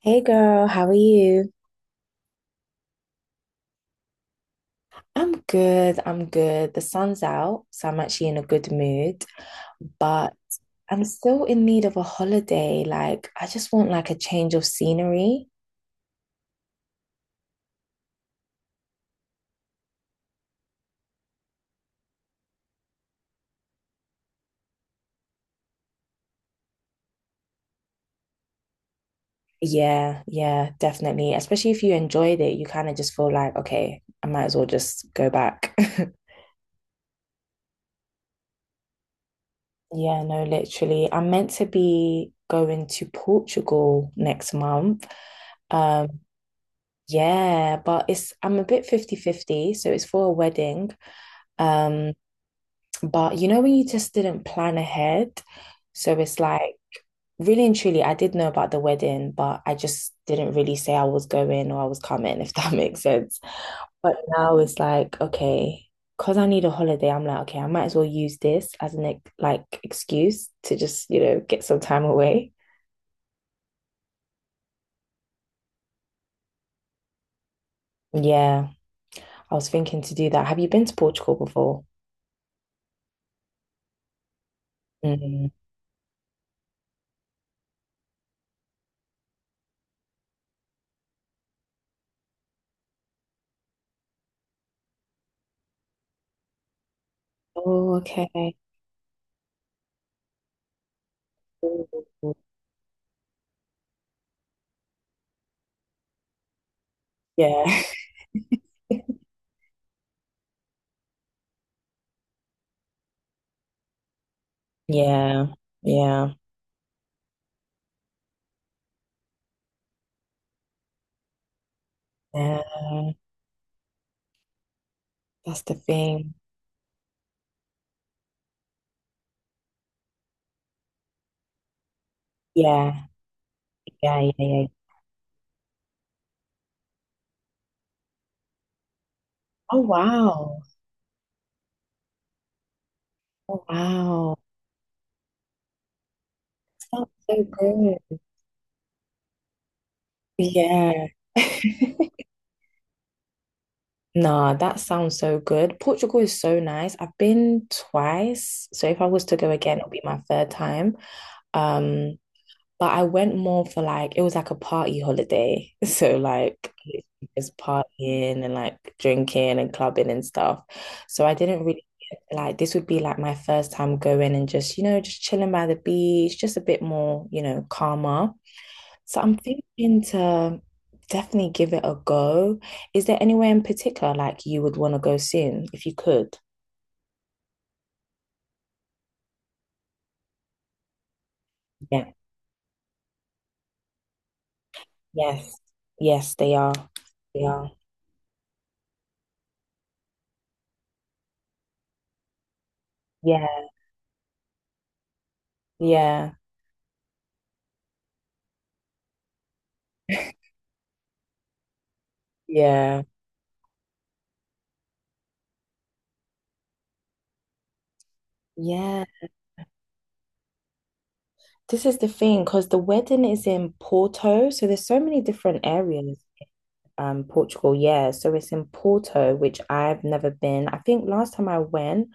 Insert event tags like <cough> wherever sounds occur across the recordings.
Hey girl, how are you? I'm good, I'm good. The sun's out, so I'm actually in a good mood, but I'm still in need of a holiday. Like, I just want like a change of scenery. Yeah, yeah, definitely. Especially if you enjoyed it, you kind of just feel like, okay, I might as well just go back. <laughs> Yeah, no, literally. I'm meant to be going to Portugal next month. Um, yeah, but it's I'm a bit fifty fifty, so it's for a wedding. Um, but you know when you just didn't plan ahead, so it's like really and truly, I did know about the wedding, but I just didn't really say I was going or I was coming, if that <laughs> makes sense. But now it's like, okay, because I need a holiday, I'm like, okay, I might as well use this as an like excuse to just, get some time away. Yeah, I was thinking to do that. Have you been to Portugal before? Mm. Oh, okay. Ooh. Yeah. <laughs> Yeah. Yeah. Yeah. That's the thing. Yeah, yeah, yeah, yeah. Oh wow. Oh wow. Sounds so good. Yeah. <laughs> Nah, that sounds so good. Portugal is so nice. I've been twice, so if I was to go again, it'll be my third time. Um, But I went more for like it was like a party holiday. <laughs> So like just partying and like drinking and clubbing and stuff. So I didn't really like this would be like my first time going and just, you know, just chilling by the beach, just a bit more, you know, calmer. So I'm thinking to definitely give it a go. Is there anywhere in particular like you would want to go soon if you could? Yeah. Yes. Yes, they are. They are. Yeah. Yeah. Yeah. Yeah. This is the thing, because the wedding is in Porto, so there's so many different areas. Portugal, yeah. So it's in Porto, which I've never been. I think last time I went,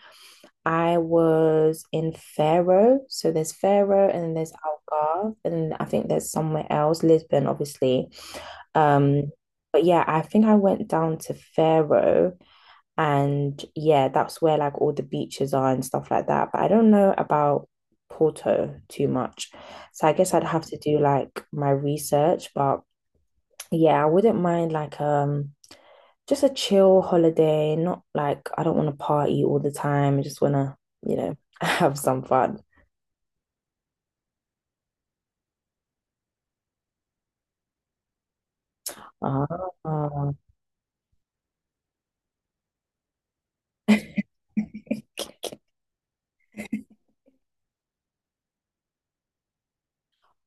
I was in Faro. So there's Faro and then there's Algarve, and I think there's somewhere else, Lisbon, obviously. Um, but yeah, I think I went down to Faro. And yeah, that's where like all the beaches are and stuff like that. But I don't know about Porto too much. So I guess I'd have to do like my research. But yeah, I wouldn't mind like just a chill holiday, not like I don't want to party all the time. I just want to, you know, <laughs> have some fun. Ah.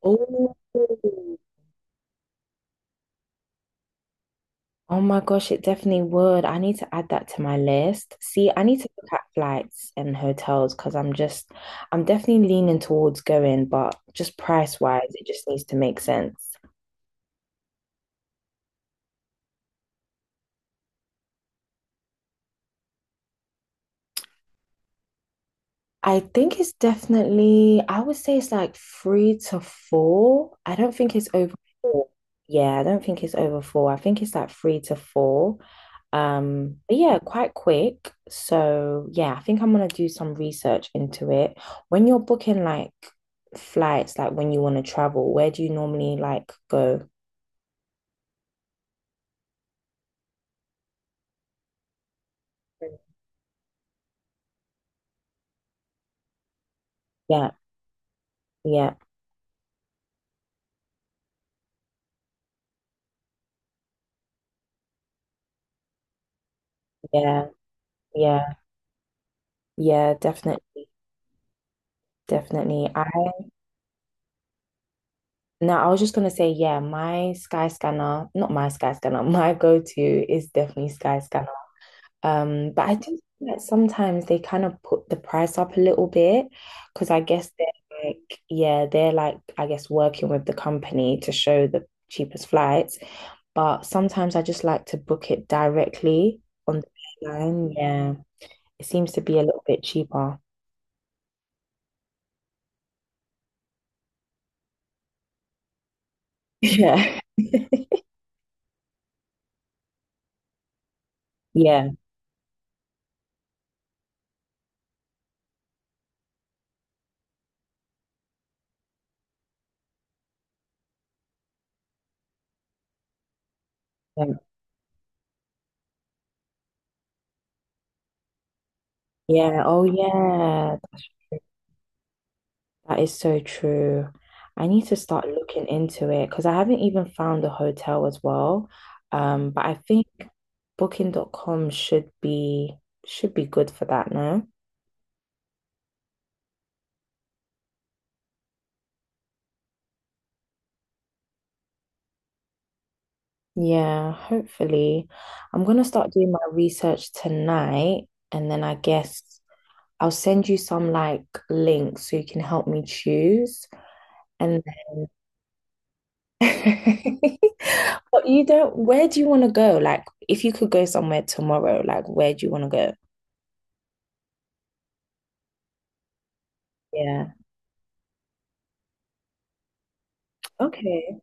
Oh. Oh my gosh, it definitely would. I need to add that to my list. See, I need to look at flights and hotels because I'm definitely leaning towards going, but just price wise, it just needs to make sense. I think it's definitely, I would say it's like three to four. I don't think it's over four. Yeah, I don't think it's over four. I think it's like three to four. But yeah, quite quick. So yeah, I think I'm gonna do some research into it. When you're booking like flights, like when you want to travel, where do you normally like go? Yeah, yeah, yeah, yeah, yeah, definitely, definitely. No, I was just gonna say, yeah, my Sky Scanner, not my Sky Scanner, <laughs> my go-to is definitely Sky Scanner. But I do think that sometimes they kind of put the price up a little bit because I guess they're like, yeah, they're like, I guess working with the company to show the cheapest flights. But sometimes I just like to book it directly on the airline. Yeah, it seems to be a little bit cheaper. <laughs> Yeah. Yeah. Yeah. Oh, yeah. That is so true. I need to start looking into it because I haven't even found a hotel as well. But I think Booking.com should be good for that, no? Yeah, hopefully. I'm gonna start doing my research tonight and then I guess I'll send you some like links so you can help me choose. And <laughs> but you don't, where do you want to go? Like if you could go somewhere tomorrow, like where do you want to go? Yeah. Okay.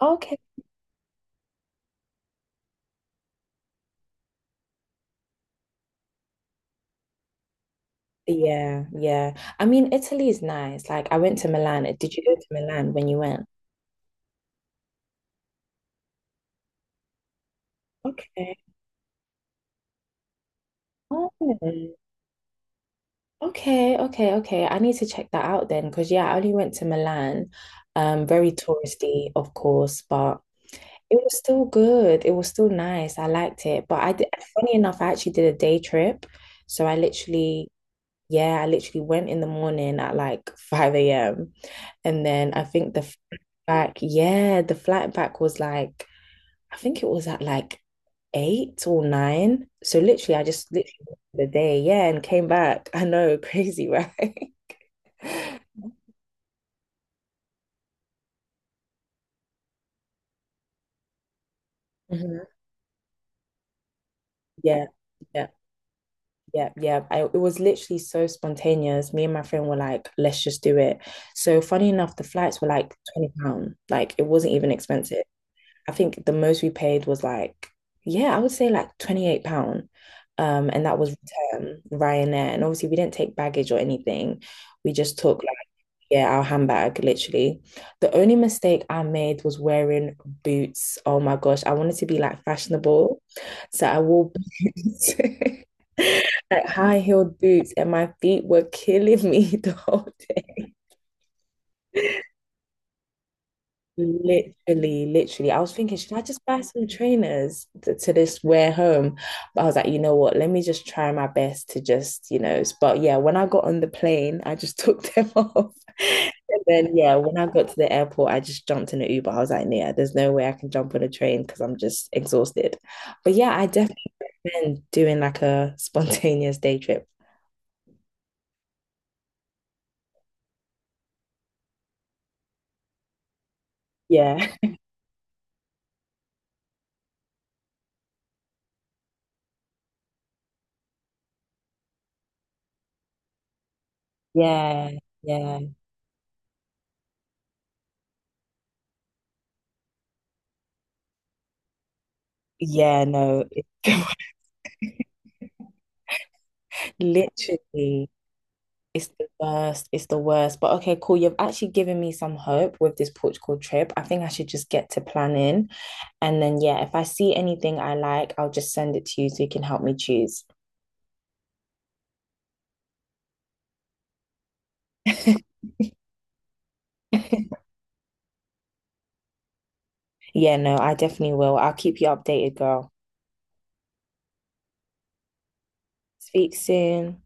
Okay. Yeah, yeah. I mean, Italy is nice. Like, I went to Milan. Did you go to Milan when you went? Okay. Oh, okay, okay, okay. I need to check that out then, because yeah, I only went to Milan. Very touristy, of course, but it was still good. It was still nice. I liked it. But I did, funny enough, I actually did a day trip. So I literally, yeah, I literally went in the morning at like 5 a.m. And then I think the flight back, yeah, the flight back was like, I think it was at like eight or nine. So literally, I just literally worked the day, yeah, and came back. <laughs> I know, crazy, right? <laughs> hmm Yeah, yeah, yeah, yeah. It was literally so spontaneous. Me and my friend were like, let's just do it. So funny enough, the flights were like £20. Like it wasn't even expensive. I think the most we paid was like, yeah, I would say like £28. And that was return Ryanair. And obviously we didn't take baggage or anything. We just took like, yeah, our handbag, literally. The only mistake I made was wearing boots. Oh my gosh, I wanted to be like fashionable. So I wore boots. <laughs> like high heeled boots and my feet were killing me <laughs> the whole day. Literally, literally. I was thinking, should I just buy some trainers to, this wear home? But I was like, you know what? Let me just try my best to just. But yeah, when I got on the plane, I just took <laughs> them off. And then, yeah, when I got to the airport, I just jumped in an Uber. I was like, yeah, there's no way I can jump on a train because I'm just exhausted. But yeah, I definitely recommend doing like a <laughs> spontaneous day trip. Yeah, <laughs> yeah, yeah, yeah, no. <laughs> Literally, it's the worst. It's the worst. But okay, cool. You've actually given me some hope with this Portugal trip. I think I should just get to planning. And then, yeah, if I see anything I like, I'll just send it to you so you can help me choose. <laughs> Yeah, no, I definitely will. I'll keep you updated, girl. Speak soon.